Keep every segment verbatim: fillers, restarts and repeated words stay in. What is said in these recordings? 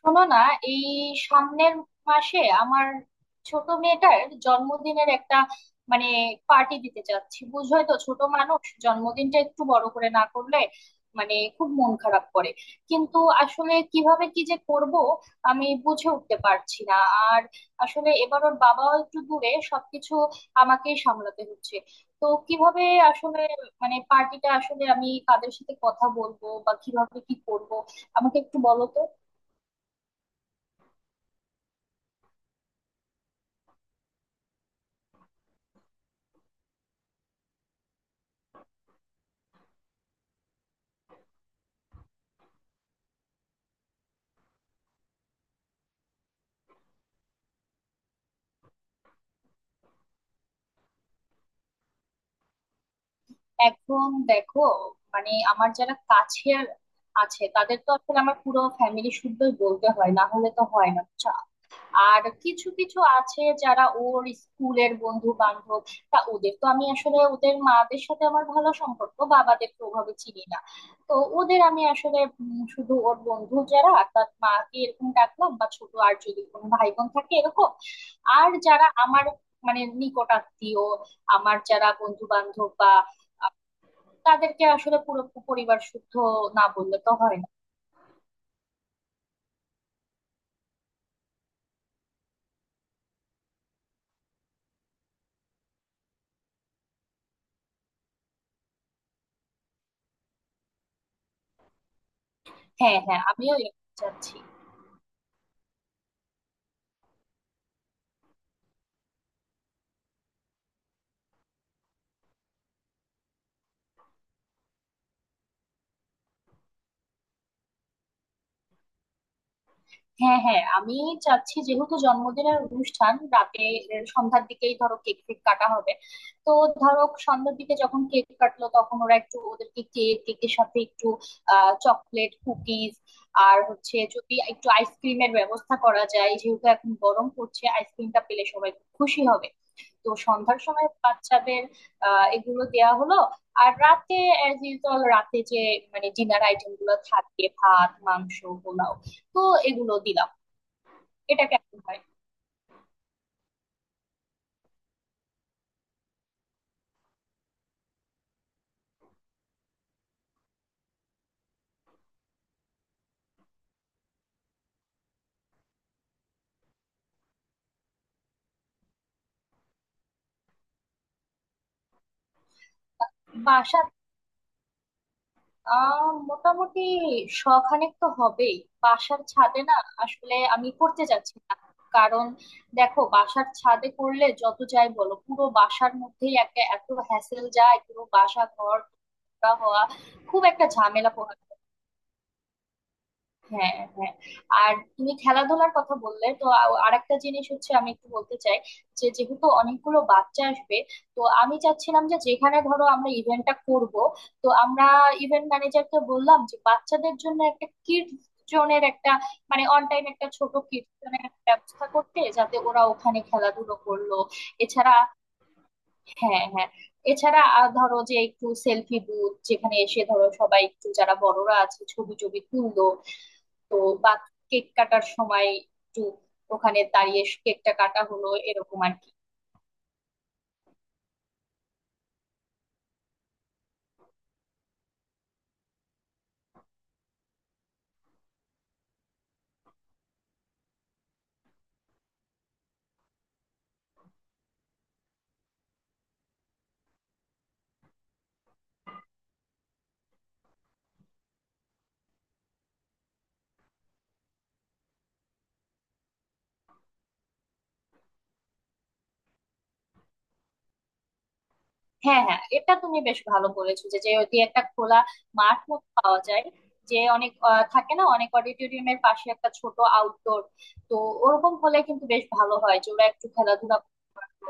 শোনো না এই সামনের মাসে আমার ছোট মেয়েটার জন্মদিনের একটা মানে পার্টি দিতে চাচ্ছি। বুঝোই তো, ছোট মানুষ জন্মদিনটা একটু বড় করে না করলে মানে খুব মন খারাপ করে। কিন্তু আসলে কিভাবে কি যে করব আমি বুঝে উঠতে পারছি না। আর আসলে এবার ওর বাবাও একটু দূরে, সবকিছু আমাকেই সামলাতে হচ্ছে। তো কিভাবে আসলে মানে পার্টিটা আসলে আমি কাদের সাথে কথা বলবো বা কিভাবে কি করব আমাকে একটু বলো তো। এখন দেখো, মানে আমার যারা কাছের আছে তাদের তো আসলে আমার পুরো ফ্যামিলি শুদ্ধই বলতে হয়, না হলে তো হয় না, বুঝছো? আর কিছু কিছু আছে যারা ওর স্কুলের বন্ধু বান্ধব, তা ওদের তো আমি আসলে ওদের মাদের সাথে আমার ভালো সম্পর্ক, বাবাদের তো ওভাবে চিনি না। তো ওদের আমি আসলে উম, শুধু ওর বন্ধু যারা তার মাকে এরকম ডাকলাম বা ছোট আর যদি কোনো ভাই বোন থাকে এরকম। আর যারা আমার মানে নিকট আত্মীয়, আমার যারা বন্ধু বান্ধব বা তাদেরকে আসলে পুরো পরিবার শুদ্ধ না বললে তো হয় না। হ্যাঁ, হ্যাঁ, আমিও এরকম চাচ্ছি। হ্যাঁ, হ্যাঁ, আমি চাচ্ছি যেহেতু জন্মদিনের অনুষ্ঠান রাতে, এর সন্ধ্যার দিকেই ধরো কেক ফেক কাটা হবে। তো ধরো সন্ধ্যার দিকে যখন কেক কাটলো তখন ওরা একটু ওদেরকে কেক কেকের সাথে একটু আহ চকলেট কুকিজ আর হচ্ছে যদি একটু আইসক্রিমের ব্যবস্থা করা যায়, যেহেতু এখন গরম পড়ছে আইসক্রিমটা পেলে সবাই খুব খুশি হবে। তো সন্ধ্যার সময় বাচ্চাদের আহ এগুলো দেয়া হলো। আর রাতে অ্যাজ ইউজুয়াল রাতে যে মানে ডিনার আইটেম গুলো থাকে, ভাত, মাংস, পোলাও, তো এগুলো দিলাম। এটা কেমন হয়? বাসার আহ মোটামুটি শখানেক তো হবেই। বাসার ছাদে না আসলে আমি করতে যাচ্ছি না, কারণ দেখো বাসার ছাদে করলে যত যাই বলো পুরো বাসার মধ্যেই একটা এত হ্যাসেল যায়, পুরো বাসা ঘর নোংরা হওয়া, খুব একটা ঝামেলা পোহাতে হয়। হ্যাঁ, হ্যাঁ। আর তুমি খেলাধুলার কথা বললে তো আ- আরেকটা জিনিস হচ্ছে আমি একটু বলতে চাই যে যেহেতু অনেকগুলো বাচ্চা আসবে, তো আমি চাচ্ছিলাম যে যেখানে ধরো আমরা ইভেন্টটা করব তো আমরা ইভেন্ট ম্যানেজারকে বললাম যে বাচ্চাদের জন্য একটা কিড জোনের একটা মানে অন টাইম একটা ছোট কিড জোনের একটা ব্যবস্থা করতে, যাতে ওরা ওখানে খেলাধুলো করলো। এছাড়া হ্যাঁ, হ্যাঁ, এছাড়া আর ধরো যে একটু সেলফি বুথ, যেখানে এসে ধরো সবাই একটু যারা বড়রা আছে ছবি টবি তুললো তো, বা কেক কাটার সময় একটু ওখানে দাঁড়িয়ে কেকটা কাটা হলো এরকম আর কি। হ্যাঁ, হ্যাঁ, এটা তুমি বেশ ভালো বলেছো, যে যদি একটা খোলা মাঠ মতো পাওয়া যায়, যে অনেক আহ, থাকে না অনেক অডিটোরিয়ামের পাশে একটা ছোট আউটডোর, তো ওরকম হলে কিন্তু বেশ ভালো হয়, যে ওরা একটু খেলাধুলা করতে পারলো।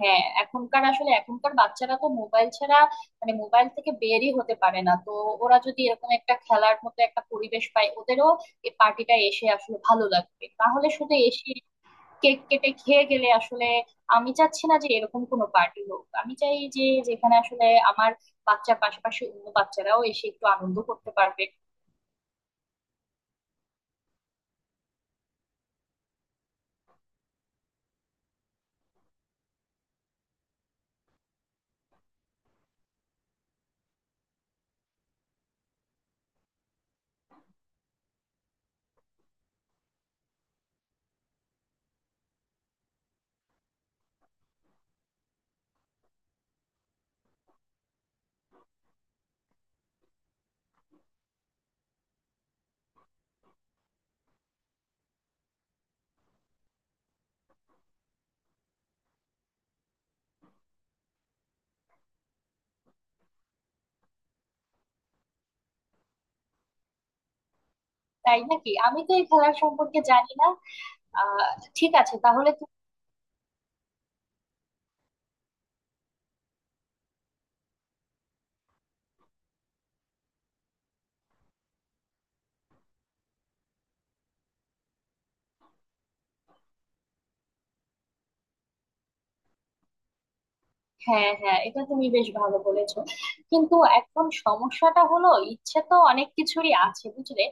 হ্যাঁ, এখনকার আসলে এখনকার বাচ্চারা তো মোবাইল ছাড়া মানে মোবাইল থেকে বেরই হতে পারে না, তো ওরা যদি এরকম একটা খেলার মতো একটা পরিবেশ পায় ওদেরও এই পার্টিটা এসে আসলে ভালো লাগবে, তাহলে শুধু এসে কেক কেটে খেয়ে গেলে আসলে আমি চাচ্ছি না যে এরকম কোনো পার্টি হোক। আমি চাই যে যেখানে আসলে আমার বাচ্চার পাশাপাশি অন্য বাচ্চারাও এসে একটু আনন্দ করতে পারবে। তাই নাকি? আমি তো এই খেলার সম্পর্কে জানি না। আহ ঠিক আছে তাহলে। হ্যাঁ, হ্যাঁ, এটা তুমি বেশ ভালো বলেছো, কিন্তু এখন সমস্যাটা হলো ইচ্ছে তো অনেক কিছুরই আছে বুঝলে,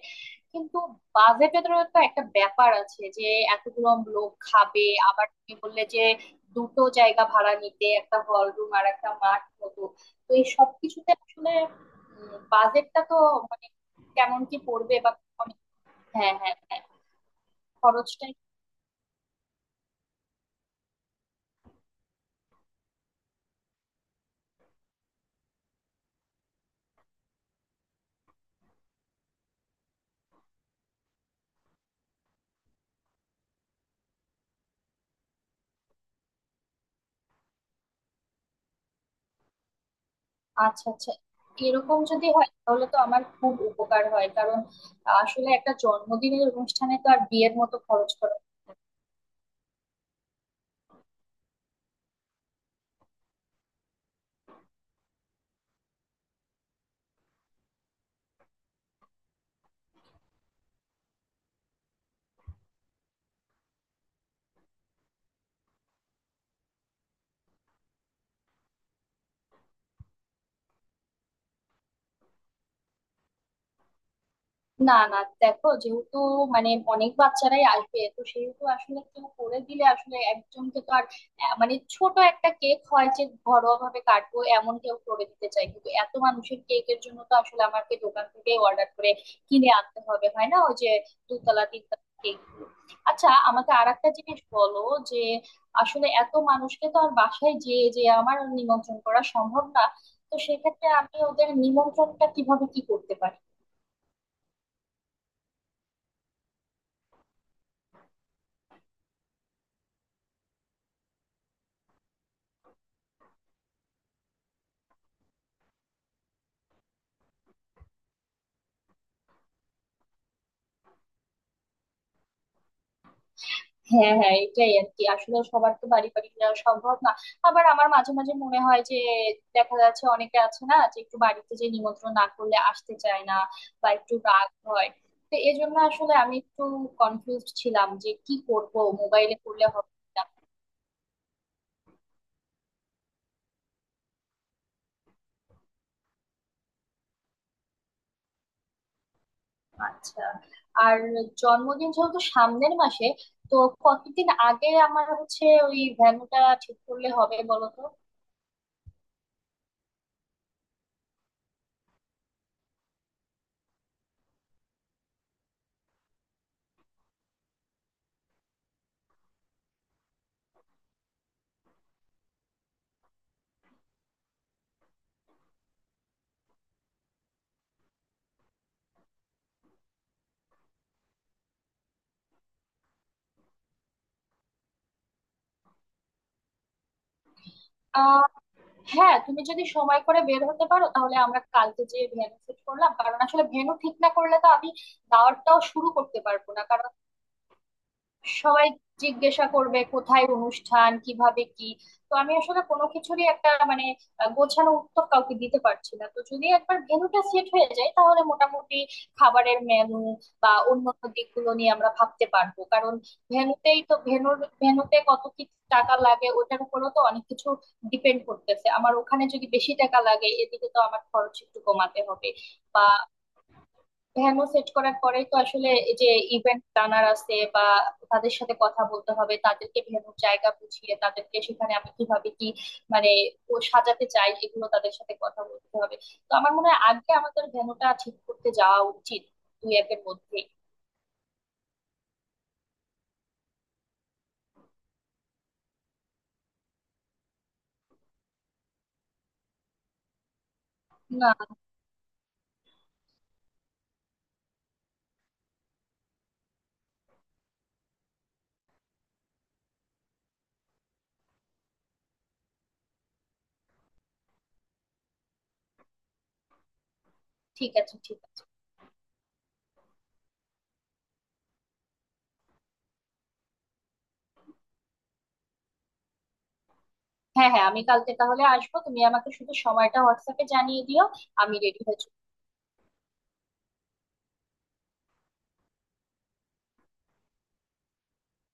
কিন্তু বাজেটেরও তো একটা ব্যাপার আছে, যে এতগুলো লোক খাবে, আবার তুমি বললে যে দুটো জায়গা ভাড়া নিতে, একটা হল রুম আর একটা মাঠ মতো, তো এই সব কিছুতে আসলে বাজেটটা তো মানে কেমন কি পড়বে বা। অনেক- হ্যাঁ, হ্যাঁ, হ্যাঁ, খরচটা। আচ্ছা, আচ্ছা, এরকম যদি হয় তাহলে তো আমার খুব উপকার হয়, কারণ আসলে একটা জন্মদিনের অনুষ্ঠানে তো আর বিয়ের মতো খরচ করা। না, না, দেখো যেহেতু মানে অনেক বাচ্চারাই আসবে, তো সেহেতু আসলে কেউ করে দিলে আসলে একজনকে তো আর আহ, মানে ছোট একটা কেক হয় যে ঘরোয়া ভাবে কাটবো এমন কেউ করে দিতে চাই, কিন্তু এত মানুষের কেকের জন্য তো আসলে আমাকে দোকান থেকে অর্ডার করে কিনে আনতে হবে, হয় না? ওই যে দুতলা তিনতলা কেক। আচ্ছা, আমাকে আর একটা জিনিস বলো যে আসলে এত মানুষকে তো আর বাসায় যেয়ে যে আমার নিমন্ত্রণ করা সম্ভব না, তো সেক্ষেত্রে আমি ওদের নিমন্ত্রণটা কিভাবে কি করতে পারি। হ্যাঁ, হ্যাঁ, এটাই আর কি, আসলে সবার তো বাড়ি বাড়ি যাওয়া সম্ভব না। আবার আমার মাঝে মাঝে মনে হয় যে দেখা যাচ্ছে অনেকে আছে না, যে একটু বাড়িতে যে নিমন্ত্রণ না করলে আসতে চায় না বা একটু রাগ হয়, তো এই জন্য আসলে আমি একটু কনফিউজ ছিলাম যে কি করব, মোবাইলে করলে হবে না। আচ্ছা। আর জন্মদিন যেহেতু সামনের মাসে, তো কতদিন আগে আমার হচ্ছে ওই ভেন্যুটা ঠিক করলে হবে বলো তো। হ্যাঁ, তুমি যদি সময় করে বের হতে পারো তাহলে আমরা কালকে যে ভেন্যু সেট করলাম, কারণ আসলে ভেন্যু ঠিক না করলে তো আমি দাওয়াতটাও শুরু করতে পারবো না, কারণ সবাই জিজ্ঞাসা করবে কোথায় অনুষ্ঠান, কিভাবে কি, তো আমি আসলে কোনো কিছুরই একটা মানে আহ, গোছানো উত্তর কাউকে দিতে পারছি না, তো যদি একবার ভেন্যুটা সেট হয়ে যায় তাহলে মোটামুটি খাবারের মেনু বা অন্য দিকগুলো নিয়ে আমরা ভাবতে পারবো, কারণ ভেন্যুতেই তো ভেন্যুর ভেন্যুতে কত কি টাকা লাগে ওটার উপরও তো অনেক কিছু ডিপেন্ড করতেছে। আমার ওখানে যদি বেশি টাকা লাগে এদিকে তো আমার খরচ একটু কমাতে হবে। বা ভ্যানও সেট করার পরেই তো আসলে এই যে ইভেন্ট প্ল্যানার আছে বা তাদের সাথে কথা বলতে হবে, তাদেরকে ভেন্যুর জায়গা বুঝিয়ে তাদেরকে সেখানে আমি কিভাবে কি মানে ও সাজাতে চাই, এগুলো তাদের সাথে কথা বলতে হবে। তো আমার মনে হয় আগে আমাদের ভেন্যুটা ঠিক করতে যাওয়া উচিত, দুই একের মধ্যে। না। ঠিক আছে, ঠিক আছে। হ্যাঁ, হ্যাঁ, আমি কালকে তাহলে আসবো, তুমি আমাকে শুধু সময়টা হোয়াটসঅ্যাপে জানিয়ে দিও। আমি রেডি হয়ে চলে